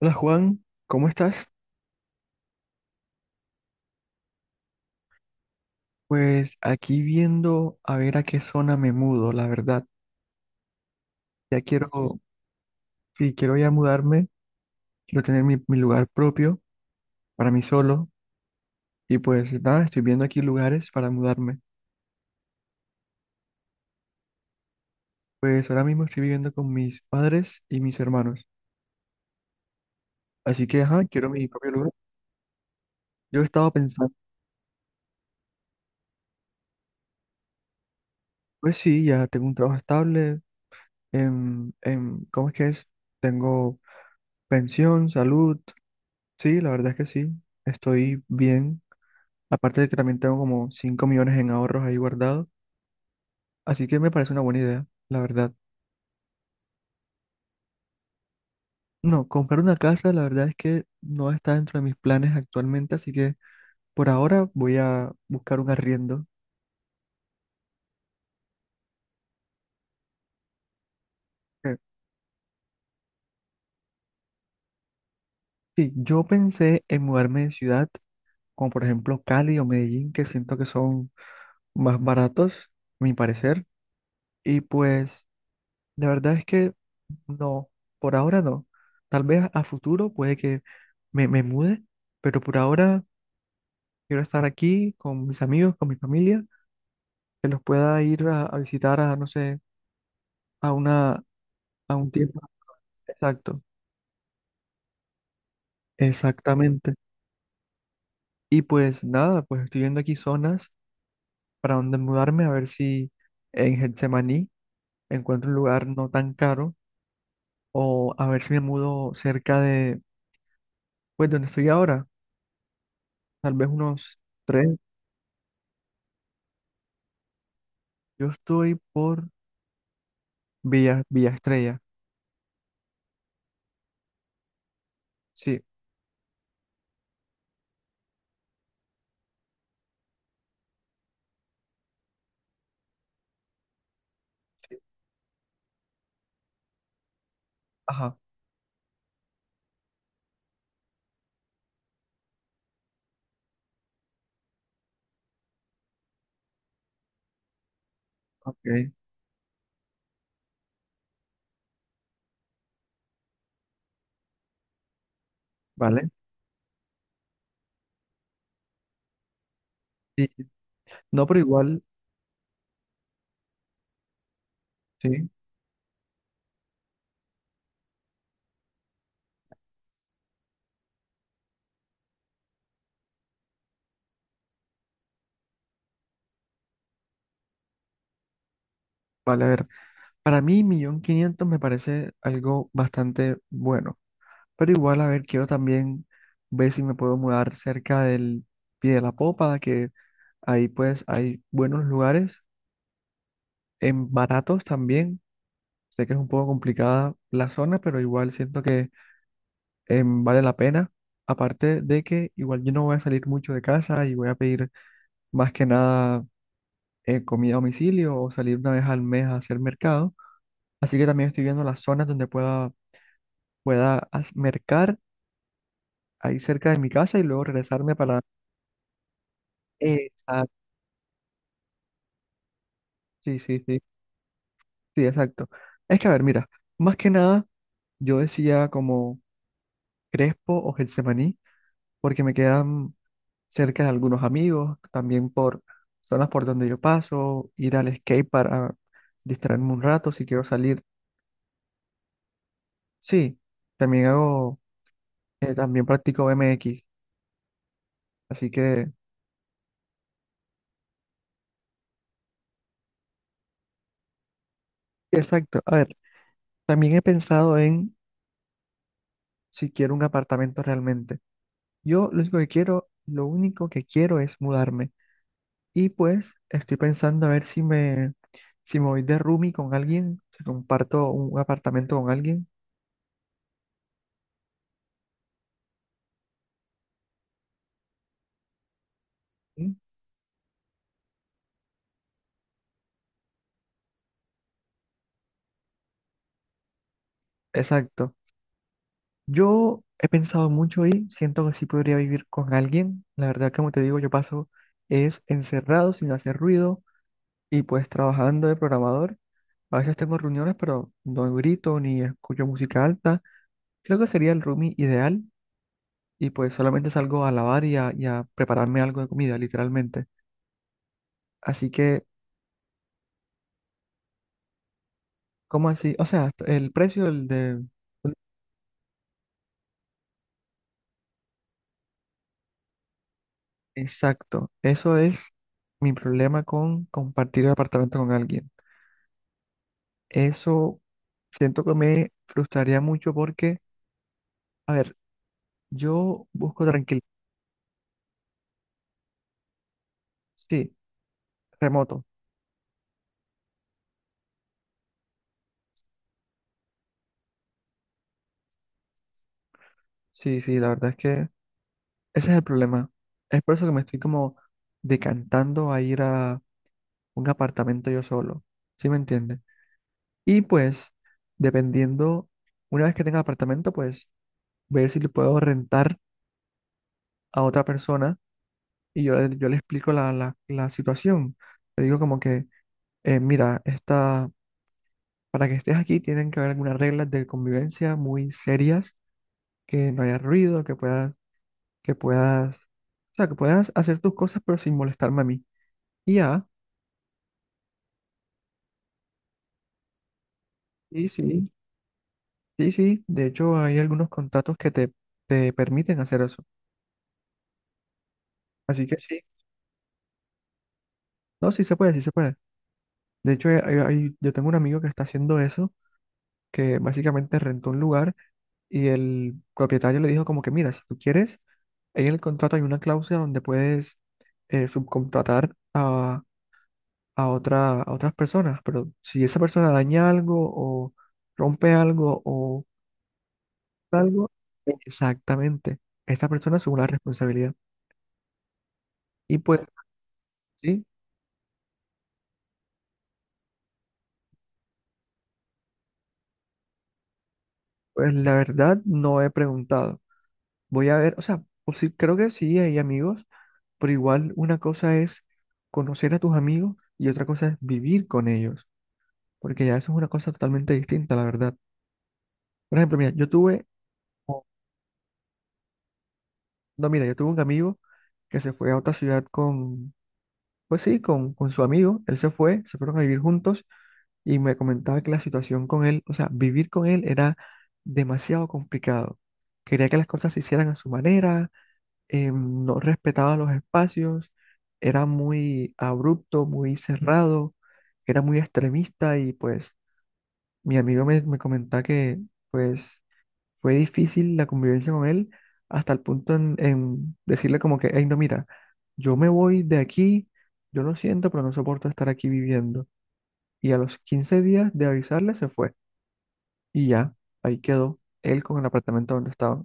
Hola Juan, ¿cómo estás? Pues aquí viendo a ver a qué zona me mudo, la verdad. Ya quiero, sí, quiero ya mudarme, quiero tener mi lugar propio para mí solo y pues nada, estoy viendo aquí lugares para mudarme. Pues ahora mismo estoy viviendo con mis padres y mis hermanos, así que ajá, quiero mi propio lugar. Yo estaba pensando, pues sí, ya tengo un trabajo estable, ¿cómo es que es? Tengo pensión, salud, sí, la verdad es que sí, estoy bien. Aparte de que también tengo como 5 millones en ahorros ahí guardados, así que me parece una buena idea, la verdad. No, comprar una casa, la verdad es que no está dentro de mis planes actualmente, así que por ahora voy a buscar un arriendo. Eh, Sí, yo pensé en mudarme de ciudad, como por ejemplo Cali o Medellín, que siento que son más baratos, a mi parecer, y pues la verdad es que no, por ahora no. Tal vez a futuro puede que me mude, pero por ahora quiero estar aquí con mis amigos, con mi familia, que los pueda ir a visitar a, no sé, a una, a un tiempo. Exacto, exactamente. Y pues nada, pues estoy viendo aquí zonas para donde mudarme, a ver si en Getsemaní encuentro un lugar no tan caro, o a ver si me mudo cerca de, pues donde estoy ahora, tal vez unos tres. Yo estoy por Villa Estrella. Sí, sí, ajá, ok, vale. Sí, no, pero igual, sí, vale, a ver. Para mí, 1.500.000 me parece algo bastante bueno. Pero igual, a ver, quiero también ver si me puedo mudar cerca del Pie de la Popa, que ahí pues hay buenos lugares, en baratos también. Sé que es un poco complicada la zona, pero igual siento que vale la pena. Aparte de que igual yo no voy a salir mucho de casa y voy a pedir más que nada comida a domicilio o salir 1 vez al mes a hacer mercado. Así que también estoy viendo las zonas donde pueda mercar ahí cerca de mi casa y luego regresarme para... Exacto, sí, sí, sí, sí, exacto. Es que, a ver, mira, más que nada yo decía como Crespo o Getsemaní, porque me quedan cerca de algunos amigos, también por zonas por donde yo paso, ir al skate para distraerme un rato si quiero salir. Sí, también hago, también practico BMX, así que, exacto. A ver, también he pensado en si quiero un apartamento realmente. Yo lo único que quiero, lo único que quiero es mudarme. Y pues estoy pensando a ver si si me voy de roomie con alguien, si comparto un apartamento con alguien. ¿Sí? Exacto. Yo he pensado mucho y siento que sí podría vivir con alguien. La verdad, como te digo, yo paso es encerrado, sin hacer ruido y pues trabajando de programador. A veces tengo reuniones, pero no grito ni escucho música alta. Creo que sería el roomie ideal. Y pues solamente salgo a lavar y a prepararme algo de comida, literalmente. Así que, ¿cómo así? O sea, el precio del de... Exacto, eso es mi problema con compartir el apartamento con alguien. Eso siento que me frustraría mucho porque, a ver, yo busco tranquilidad. Sí, remoto. Sí, sí, la verdad es que ese es el problema. Es por eso que me estoy como decantando a ir a un apartamento yo solo. ¿Sí me entiendes? Y pues, dependiendo, una vez que tenga apartamento, pues ver si le puedo rentar a otra persona y yo, yo le explico la situación. Le digo como que, mira, esta, para que estés aquí tienen que haber algunas reglas de convivencia muy serias, que no haya ruido, que puedas, o sea, que puedas hacer tus cosas pero sin molestarme a mí. Y ya, sí, sí, sí, sí, de hecho hay algunos contratos que te permiten hacer eso. Así que sí, no, sí se puede, sí se puede. De hecho, yo tengo un amigo que está haciendo eso, que básicamente rentó un lugar y el propietario le dijo como que, mira, si tú quieres, ahí en el contrato hay una cláusula donde puedes subcontratar a otra, a otras personas, pero si esa persona daña algo o rompe algo o algo, exactamente, esta persona asume la responsabilidad. Y pues, sí, pues la verdad no he preguntado. Voy a ver, o sea, pues sí, creo que sí hay amigos. Pero igual una cosa es conocer a tus amigos y otra cosa es vivir con ellos, porque ya eso es una cosa totalmente distinta, la verdad. Por ejemplo, mira, no, mira, yo tuve un amigo que se fue a otra ciudad con, pues sí, con su amigo, se fueron a vivir juntos y me comentaba que la situación con él, o sea, vivir con él era demasiado complicado. Quería que las cosas se hicieran a su manera, no respetaba los espacios, era muy abrupto, muy cerrado, era muy extremista y pues mi amigo me comentaba que pues fue difícil la convivencia con él hasta el punto en decirle como que, hey, no, mira, yo me voy de aquí, yo lo siento, pero no soporto estar aquí viviendo. Y a los 15 días de avisarle se fue y ya, ahí quedó él con el apartamento donde estaba.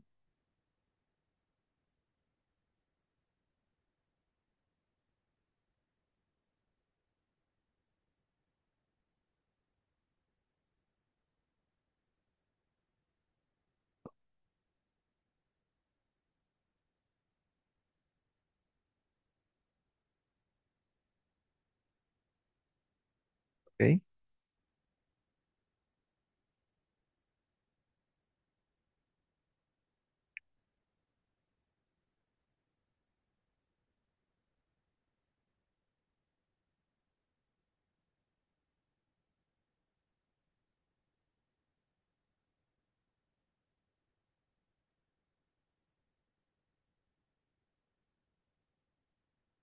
¿Ok?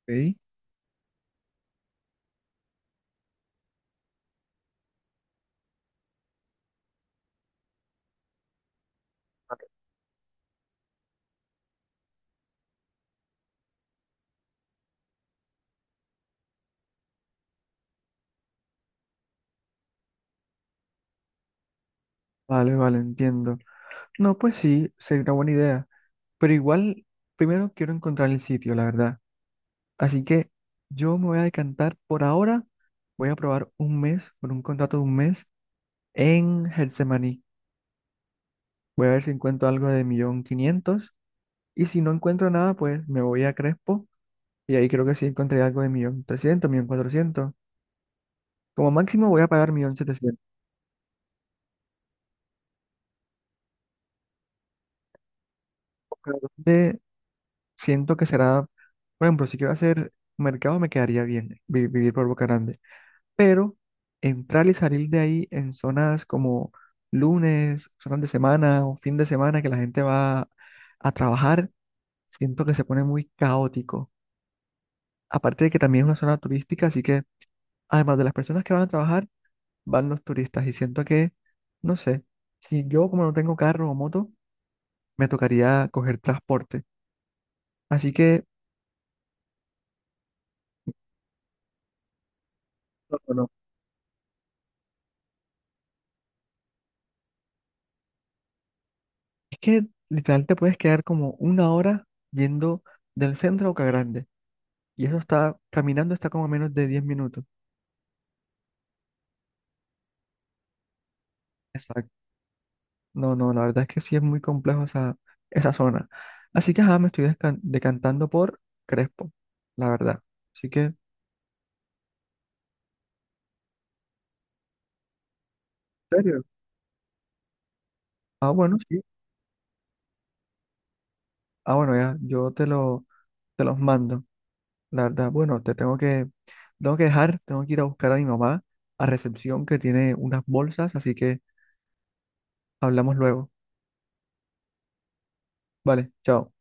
¿Ok? Vale, vale, entiendo. No, pues sí, sería una buena idea. Pero igual, primero quiero encontrar el sitio, la verdad. Así que yo me voy a decantar por ahora. Voy a probar 1 mes, por un contrato de 1 mes, en Getsemaní. Voy a ver si encuentro algo de 1.500.000. Y si no encuentro nada, pues me voy a Crespo. Y ahí creo que sí encontré algo de 1.300.000, 1.400.000. Como máximo voy a pagar 1.700.000. Pero ¿dónde siento que será, por ejemplo, si quiero hacer mercado, me quedaría bien vivir por Boca Grande. Pero entrar y salir de ahí en zonas como lunes, zonas de semana o fin de semana que la gente va a trabajar, siento que se pone muy caótico. Aparte de que también es una zona turística, así que además de las personas que van a trabajar, van los turistas y siento que, no sé, si yo como no tengo carro o moto, me tocaría coger transporte. Así que, no, no, no, es que literal te puedes quedar como 1 hora yendo del centro a Boca Grande. Y eso está, caminando está como a menos de 10 minutos. Exacto. No, no, la verdad es que sí es muy complejo esa, esa zona. Así que, ajá, me estoy decantando por Crespo, la verdad. Así que, ¿en serio? Ah, bueno, sí. Ah, bueno, ya, te los mando, la verdad. Bueno, tengo que dejar, tengo que ir a buscar a mi mamá a recepción que tiene unas bolsas, así que hablamos luego. Vale, chao.